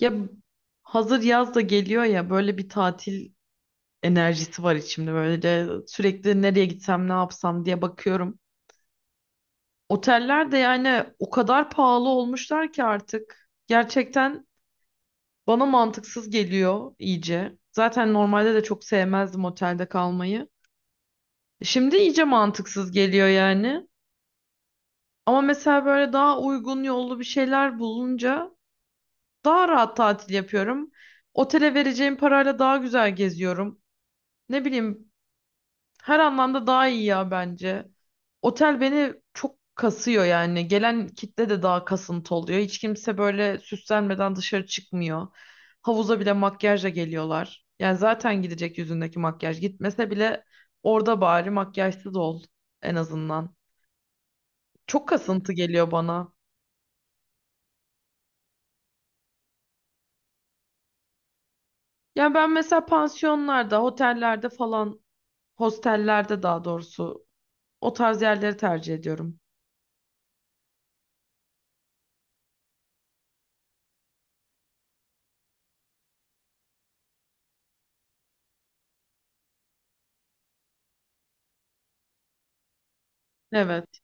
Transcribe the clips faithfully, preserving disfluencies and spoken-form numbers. Ya hazır yaz da geliyor ya böyle bir tatil enerjisi var içimde böyle de sürekli nereye gitsem ne yapsam diye bakıyorum. Oteller de yani o kadar pahalı olmuşlar ki artık gerçekten bana mantıksız geliyor iyice. Zaten normalde de çok sevmezdim otelde kalmayı. Şimdi iyice mantıksız geliyor yani. Ama mesela böyle daha uygun yollu bir şeyler bulunca daha rahat tatil yapıyorum. Otele vereceğim parayla daha güzel geziyorum. Ne bileyim, her anlamda daha iyi ya bence. Otel beni çok kasıyor yani. Gelen kitle de daha kasıntı oluyor. Hiç kimse böyle süslenmeden dışarı çıkmıyor. Havuza bile makyajla geliyorlar. Yani zaten gidecek yüzündeki makyaj. Gitmese bile orada bari makyajsız ol en azından. Çok kasıntı geliyor bana. Yani ben mesela pansiyonlarda, otellerde falan, hostellerde daha doğrusu o tarz yerleri tercih ediyorum. Evet.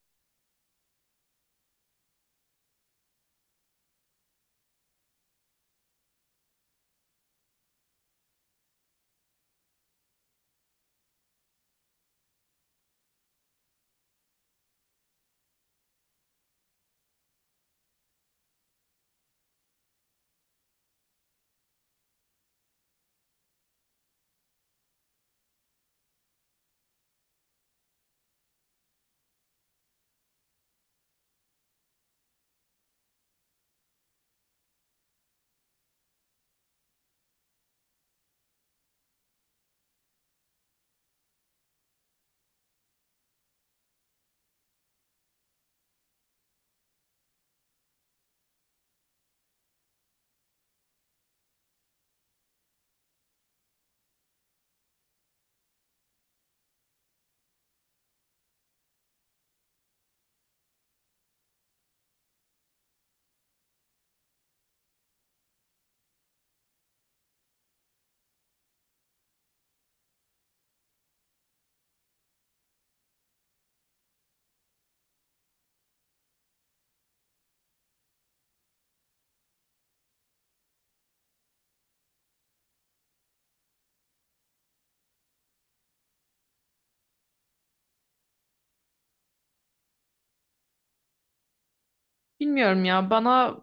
Bilmiyorum ya, bana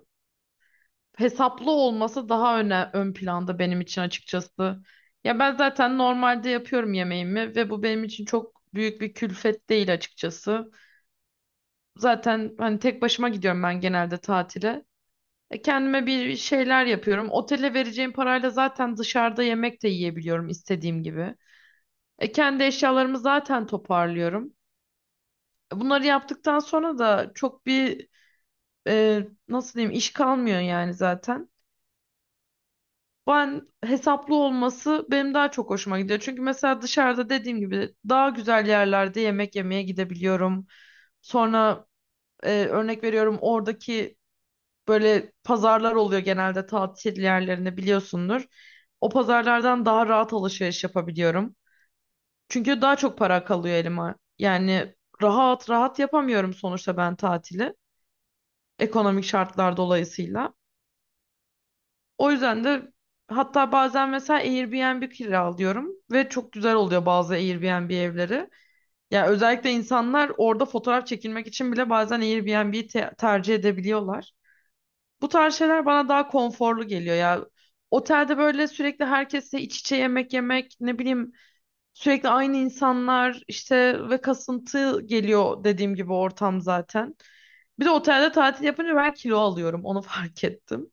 hesaplı olması daha öne, ön planda benim için açıkçası. Ya ben zaten normalde yapıyorum yemeğimi ve bu benim için çok büyük bir külfet değil açıkçası. Zaten hani tek başıma gidiyorum ben genelde tatile. E, kendime bir şeyler yapıyorum. Otele vereceğim parayla zaten dışarıda yemek de yiyebiliyorum istediğim gibi. E, kendi eşyalarımı zaten toparlıyorum. E, Bunları yaptıktan sonra da çok bir e, nasıl diyeyim iş kalmıyor yani zaten. Ben hesaplı olması benim daha çok hoşuma gidiyor. Çünkü mesela dışarıda dediğim gibi daha güzel yerlerde yemek yemeye gidebiliyorum. Sonra e, örnek veriyorum oradaki böyle pazarlar oluyor genelde tatil yerlerinde biliyorsundur. O pazarlardan daha rahat alışveriş yapabiliyorum. Çünkü daha çok para kalıyor elime. Yani rahat rahat yapamıyorum sonuçta ben tatili. Ekonomik şartlar dolayısıyla. O yüzden de hatta bazen mesela Airbnb kiralıyorum ve çok güzel oluyor bazı Airbnb evleri. Yani özellikle insanlar orada fotoğraf çekilmek için bile bazen Airbnb'yi te- tercih edebiliyorlar. Bu tarz şeyler bana daha konforlu geliyor ya. Otelde böyle sürekli herkesle iç içe yemek yemek, ne bileyim, sürekli aynı insanlar işte ve kasıntı geliyor dediğim gibi ortam zaten. Bir de otelde tatil yapınca ben kilo alıyorum onu fark ettim.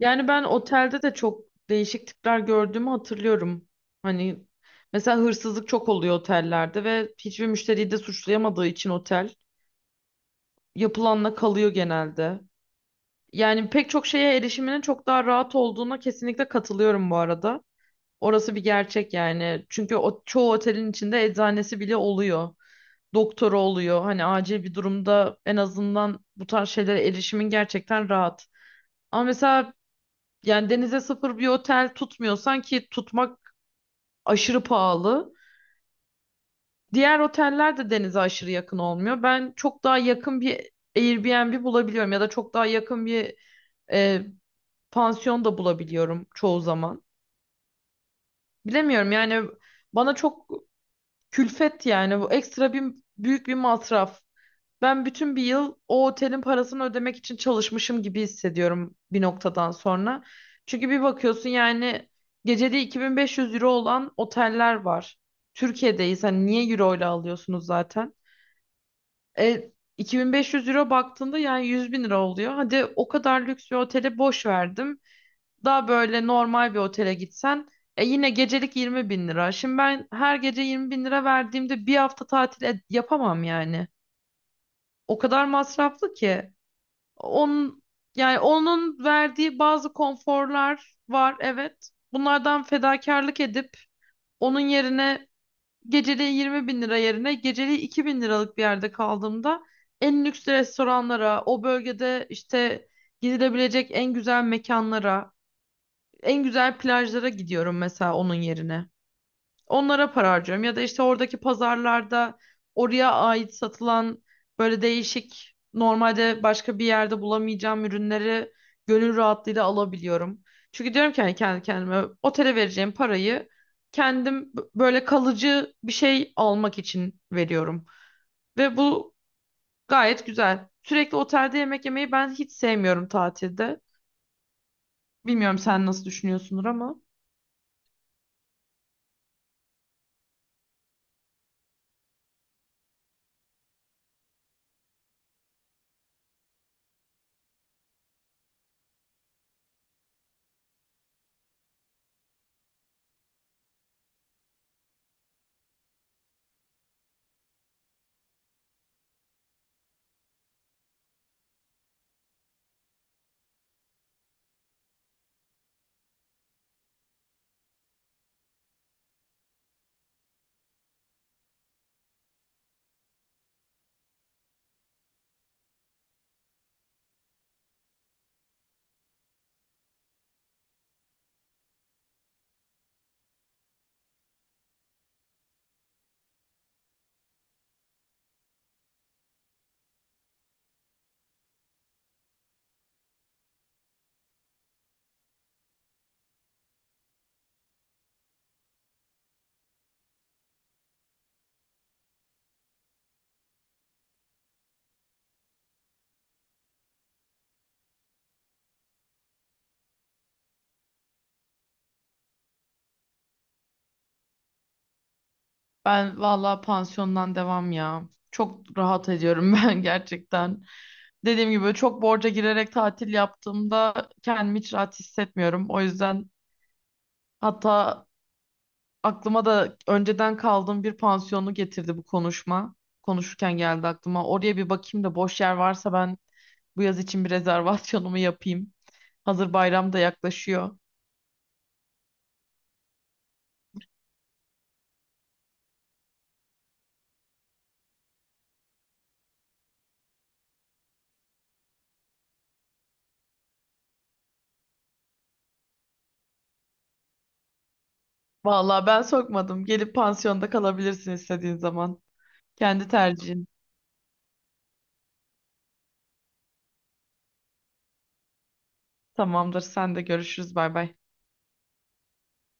Yani ben otelde de çok değişik tipler gördüğümü hatırlıyorum. Hani mesela hırsızlık çok oluyor otellerde ve hiçbir müşteriyi de suçlayamadığı için otel yapılanla kalıyor genelde. Yani pek çok şeye erişiminin çok daha rahat olduğuna kesinlikle katılıyorum bu arada. Orası bir gerçek yani. Çünkü o, çoğu otelin içinde eczanesi bile oluyor. Doktoru oluyor. Hani acil bir durumda en azından bu tarz şeylere erişimin gerçekten rahat. Ama mesela yani denize sıfır bir otel tutmuyorsan ki tutmak aşırı pahalı. Diğer oteller de denize aşırı yakın olmuyor. Ben çok daha yakın bir Airbnb bulabiliyorum ya da çok daha yakın bir e, pansiyon da bulabiliyorum çoğu zaman. Bilemiyorum yani, bana çok külfet, yani bu ekstra bir, büyük bir masraf. Ben bütün bir yıl o otelin parasını ödemek için çalışmışım gibi hissediyorum bir noktadan sonra. Çünkü bir bakıyorsun yani gecede iki bin beş yüz euro olan oteller var. Türkiye'deyiz hani niye euro ile alıyorsunuz zaten? E, iki bin beş yüz euro baktığında yani yüz bin lira oluyor. Hadi o kadar lüks bir otele boş verdim. Daha böyle normal bir otele gitsen e yine gecelik yirmi bin lira. Şimdi ben her gece yirmi bin lira verdiğimde bir hafta tatil ed- yapamam yani. O kadar masraflı ki. Onun yani onun verdiği bazı konforlar var evet. Bunlardan fedakarlık edip onun yerine geceliği yirmi bin lira yerine geceliği iki bin liralık bir yerde kaldığımda en lüks restoranlara, o bölgede işte gidilebilecek en güzel mekanlara, en güzel plajlara gidiyorum mesela onun yerine. Onlara para harcıyorum. Ya da işte oradaki pazarlarda oraya ait satılan böyle değişik normalde başka bir yerde bulamayacağım ürünleri gönül rahatlığıyla alabiliyorum. Çünkü diyorum ki hani kendi kendime otele vereceğim parayı kendim b- böyle kalıcı bir şey almak için veriyorum. Ve bu gayet güzel. Sürekli otelde yemek yemeyi ben hiç sevmiyorum tatilde. Bilmiyorum sen nasıl düşünüyorsundur ama. Ben vallahi pansiyondan devam ya. Çok rahat ediyorum ben gerçekten. Dediğim gibi çok borca girerek tatil yaptığımda kendimi hiç rahat hissetmiyorum. O yüzden hatta aklıma da önceden kaldığım bir pansiyonu getirdi bu konuşma. Konuşurken geldi aklıma. Oraya bir bakayım da boş yer varsa ben bu yaz için bir rezervasyonumu yapayım. Hazır bayram da yaklaşıyor. Vallahi ben sokmadım. Gelip pansiyonda kalabilirsin istediğin zaman. Kendi tercihin. Tamamdır. Sen de görüşürüz. Bay bay.